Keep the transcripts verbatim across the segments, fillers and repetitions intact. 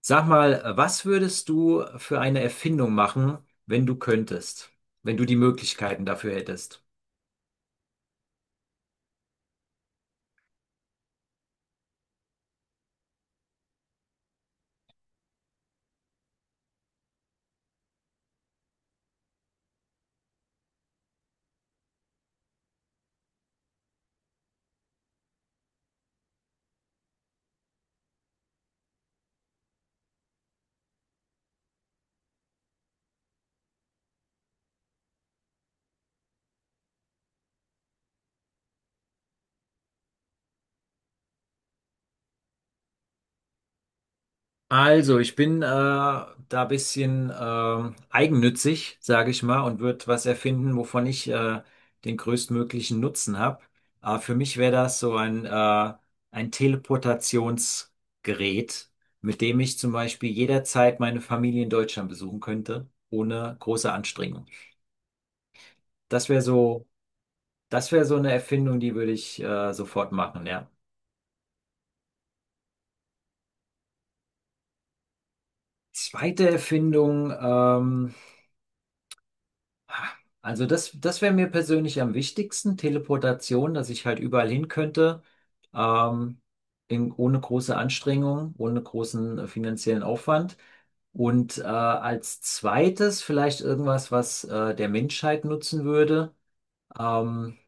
Sag mal, was würdest du für eine Erfindung machen, wenn du könntest, wenn du die Möglichkeiten dafür hättest? Also, ich bin äh, da ein bisschen ähm, eigennützig, sage ich mal, und würde was erfinden, wovon ich äh, den größtmöglichen Nutzen habe. Aber für mich wäre das so ein, äh, ein Teleportationsgerät, mit dem ich zum Beispiel jederzeit meine Familie in Deutschland besuchen könnte, ohne große Anstrengung. Das wäre so. Das wäre so eine Erfindung, die würde ich äh, sofort machen, ja. Zweite Erfindung, ähm, also das, das wäre mir persönlich am wichtigsten, Teleportation, dass ich halt überall hin könnte, ähm, in, ohne große Anstrengung, ohne großen äh, finanziellen Aufwand. Und äh, als zweites vielleicht irgendwas, was äh, der Menschheit nutzen würde. Ähm,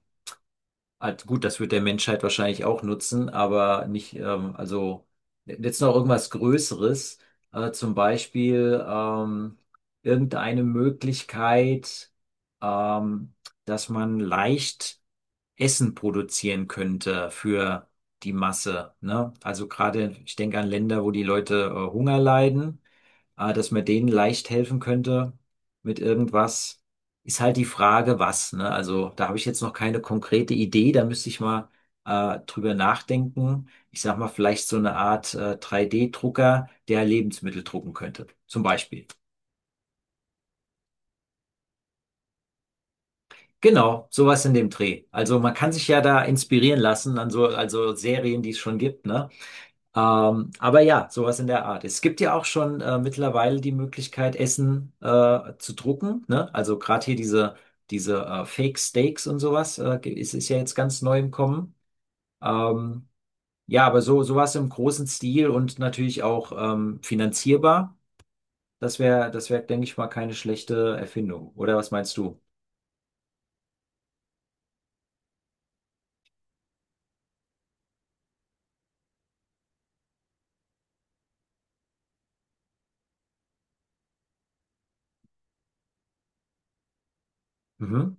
Also gut, das wird der Menschheit wahrscheinlich auch nutzen, aber nicht, ähm, also jetzt noch irgendwas Größeres, äh, zum Beispiel ähm, irgendeine Möglichkeit, ähm, dass man leicht Essen produzieren könnte für die Masse, ne? Also gerade, ich denke an Länder, wo die Leute äh, Hunger leiden, äh, dass man denen leicht helfen könnte mit irgendwas. Ist halt die Frage, was, ne? Also da habe ich jetzt noch keine konkrete Idee, da müsste ich mal äh, drüber nachdenken. Ich sag mal, vielleicht so eine Art äh, drei D-Drucker, der Lebensmittel drucken könnte, zum Beispiel. Genau, sowas in dem Dreh. Also man kann sich ja da inspirieren lassen an so also Serien, die es schon gibt, ne? Ähm, aber ja, sowas in der Art. Es gibt ja auch schon äh, mittlerweile die Möglichkeit, Essen äh, zu drucken, ne? Also gerade hier diese, diese äh, Fake Steaks und sowas, äh, ge- ist, ist ja jetzt ganz neu im Kommen. Ähm, ja, aber so sowas im großen Stil und natürlich auch ähm, finanzierbar, das wäre, das wäre, denke ich mal, keine schlechte Erfindung. Oder was meinst du? Mhm.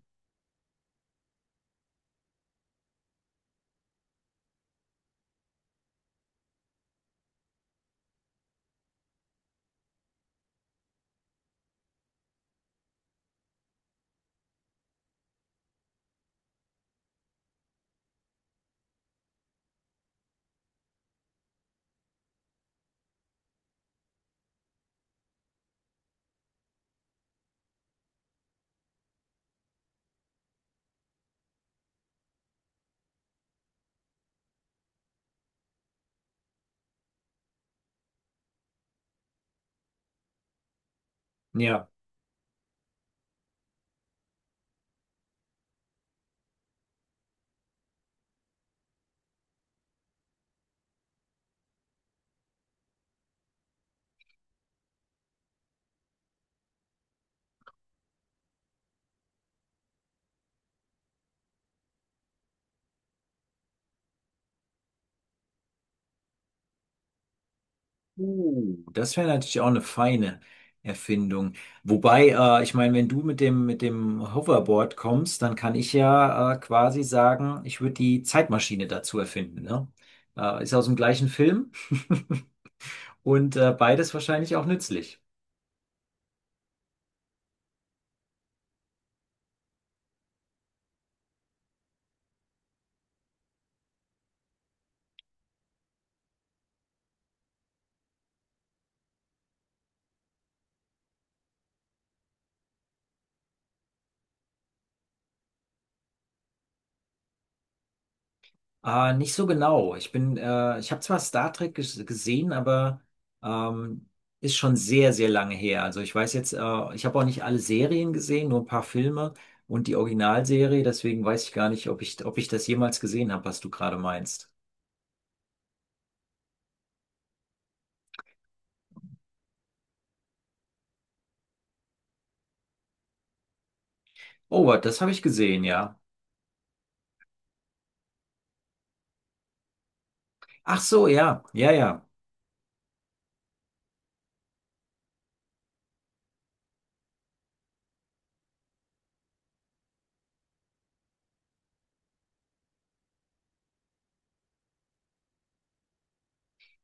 Ja. Uh, das wäre natürlich auch eine feine Erfindung. Wobei, äh, ich meine, wenn du mit dem, mit dem Hoverboard kommst, dann kann ich ja äh, quasi sagen, ich würde die Zeitmaschine dazu erfinden, ne? Äh, ist aus dem gleichen Film und äh, beides wahrscheinlich auch nützlich. Äh, nicht so genau. Ich bin, äh, ich habe zwar Star Trek ges gesehen, aber ähm, ist schon sehr, sehr lange her. Also ich weiß jetzt, äh, ich habe auch nicht alle Serien gesehen, nur ein paar Filme und die Originalserie, deswegen weiß ich gar nicht, ob ich, ob ich das jemals gesehen habe, was du gerade meinst. Oh, das habe ich gesehen, ja. Ach so, ja, ja, ja.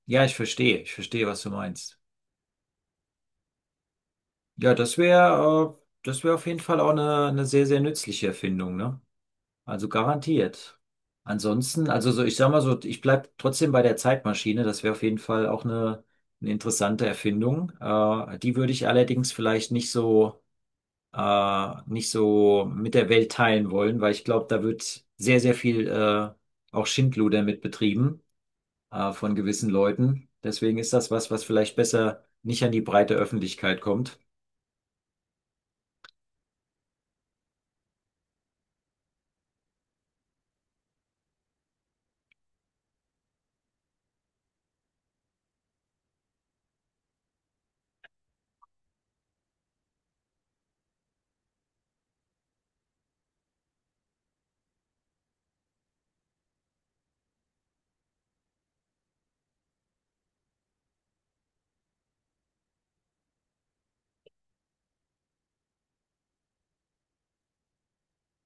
Ja, ich verstehe, ich verstehe, was du meinst. Ja, das wäre, äh, das wäre auf jeden Fall auch eine, eine sehr, sehr nützliche Erfindung, ne? Also garantiert. Ansonsten, also so, ich sag mal so, ich bleib trotzdem bei der Zeitmaschine. Das wäre auf jeden Fall auch eine, eine interessante Erfindung. Äh, die würde ich allerdings vielleicht nicht so, äh, nicht so mit der Welt teilen wollen, weil ich glaube, da wird sehr, sehr viel äh, auch Schindluder mit betrieben, äh, von gewissen Leuten. Deswegen ist das was, was vielleicht besser nicht an die breite Öffentlichkeit kommt.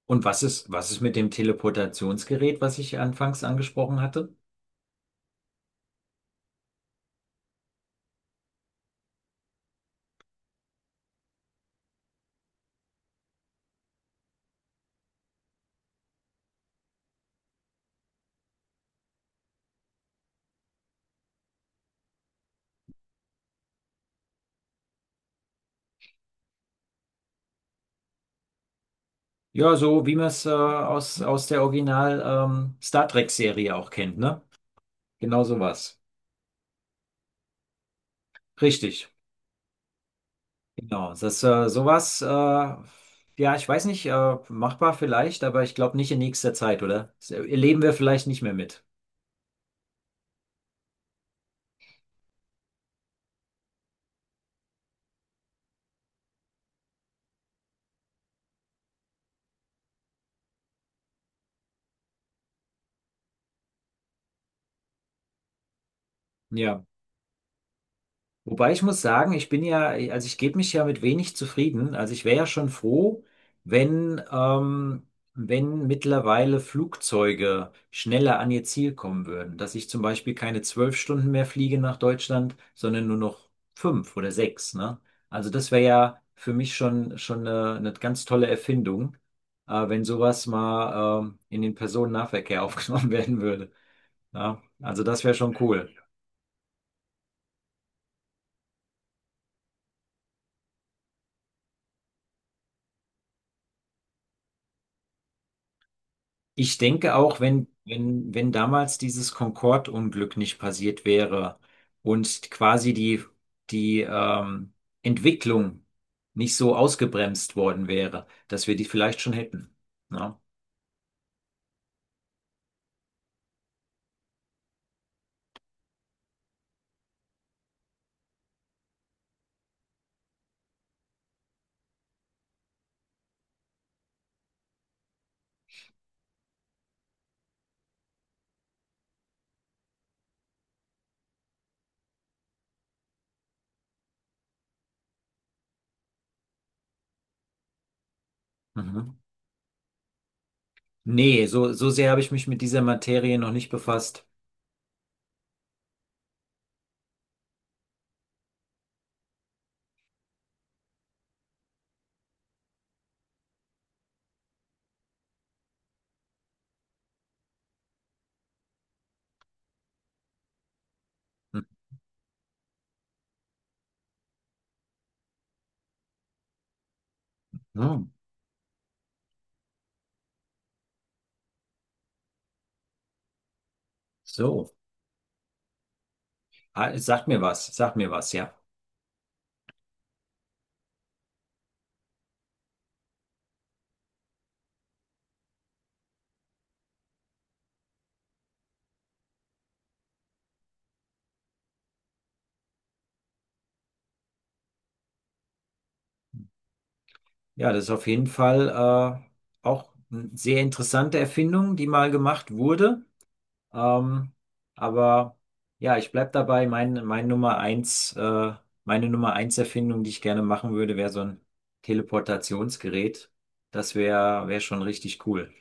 Und was ist, was ist mit dem Teleportationsgerät, was ich anfangs angesprochen hatte? Ja, so wie man es äh, aus, aus der Original ähm, Star Trek-Serie auch kennt, ne? Genau sowas. Richtig. Genau. Das äh, Sowas, äh, ja, ich weiß nicht, äh, machbar vielleicht, aber ich glaube nicht in nächster Zeit, oder? Das erleben wir vielleicht nicht mehr mit. Ja. Wobei ich muss sagen, ich bin ja, also ich gebe mich ja mit wenig zufrieden. Also ich wäre ja schon froh, wenn, ähm, wenn mittlerweile Flugzeuge schneller an ihr Ziel kommen würden. Dass ich zum Beispiel keine zwölf Stunden mehr fliege nach Deutschland, sondern nur noch fünf oder sechs, ne? Also das wäre ja für mich schon, schon eine, eine ganz tolle Erfindung, äh, wenn sowas mal, ähm, in den Personennahverkehr aufgenommen werden würde. Ja? Also das wäre schon cool. Ich denke auch, wenn, wenn, wenn damals dieses Concorde-Unglück nicht passiert wäre und quasi die, die ähm, Entwicklung nicht so ausgebremst worden wäre, dass wir die vielleicht schon hätten. Ne, Mhm. Nee, so, so sehr habe ich mich mit dieser Materie noch nicht befasst. Mhm. So. Ah, sag mir was, sag mir was, ja. Ja, das ist auf jeden Fall äh, auch eine sehr interessante Erfindung, die mal gemacht wurde. Ähm, aber ja, ich bleib dabei. Mein, mein Nummer eins, äh, meine Nummer eins Erfindung, die ich gerne machen würde, wäre so ein Teleportationsgerät. Das wäre, wäre schon richtig cool.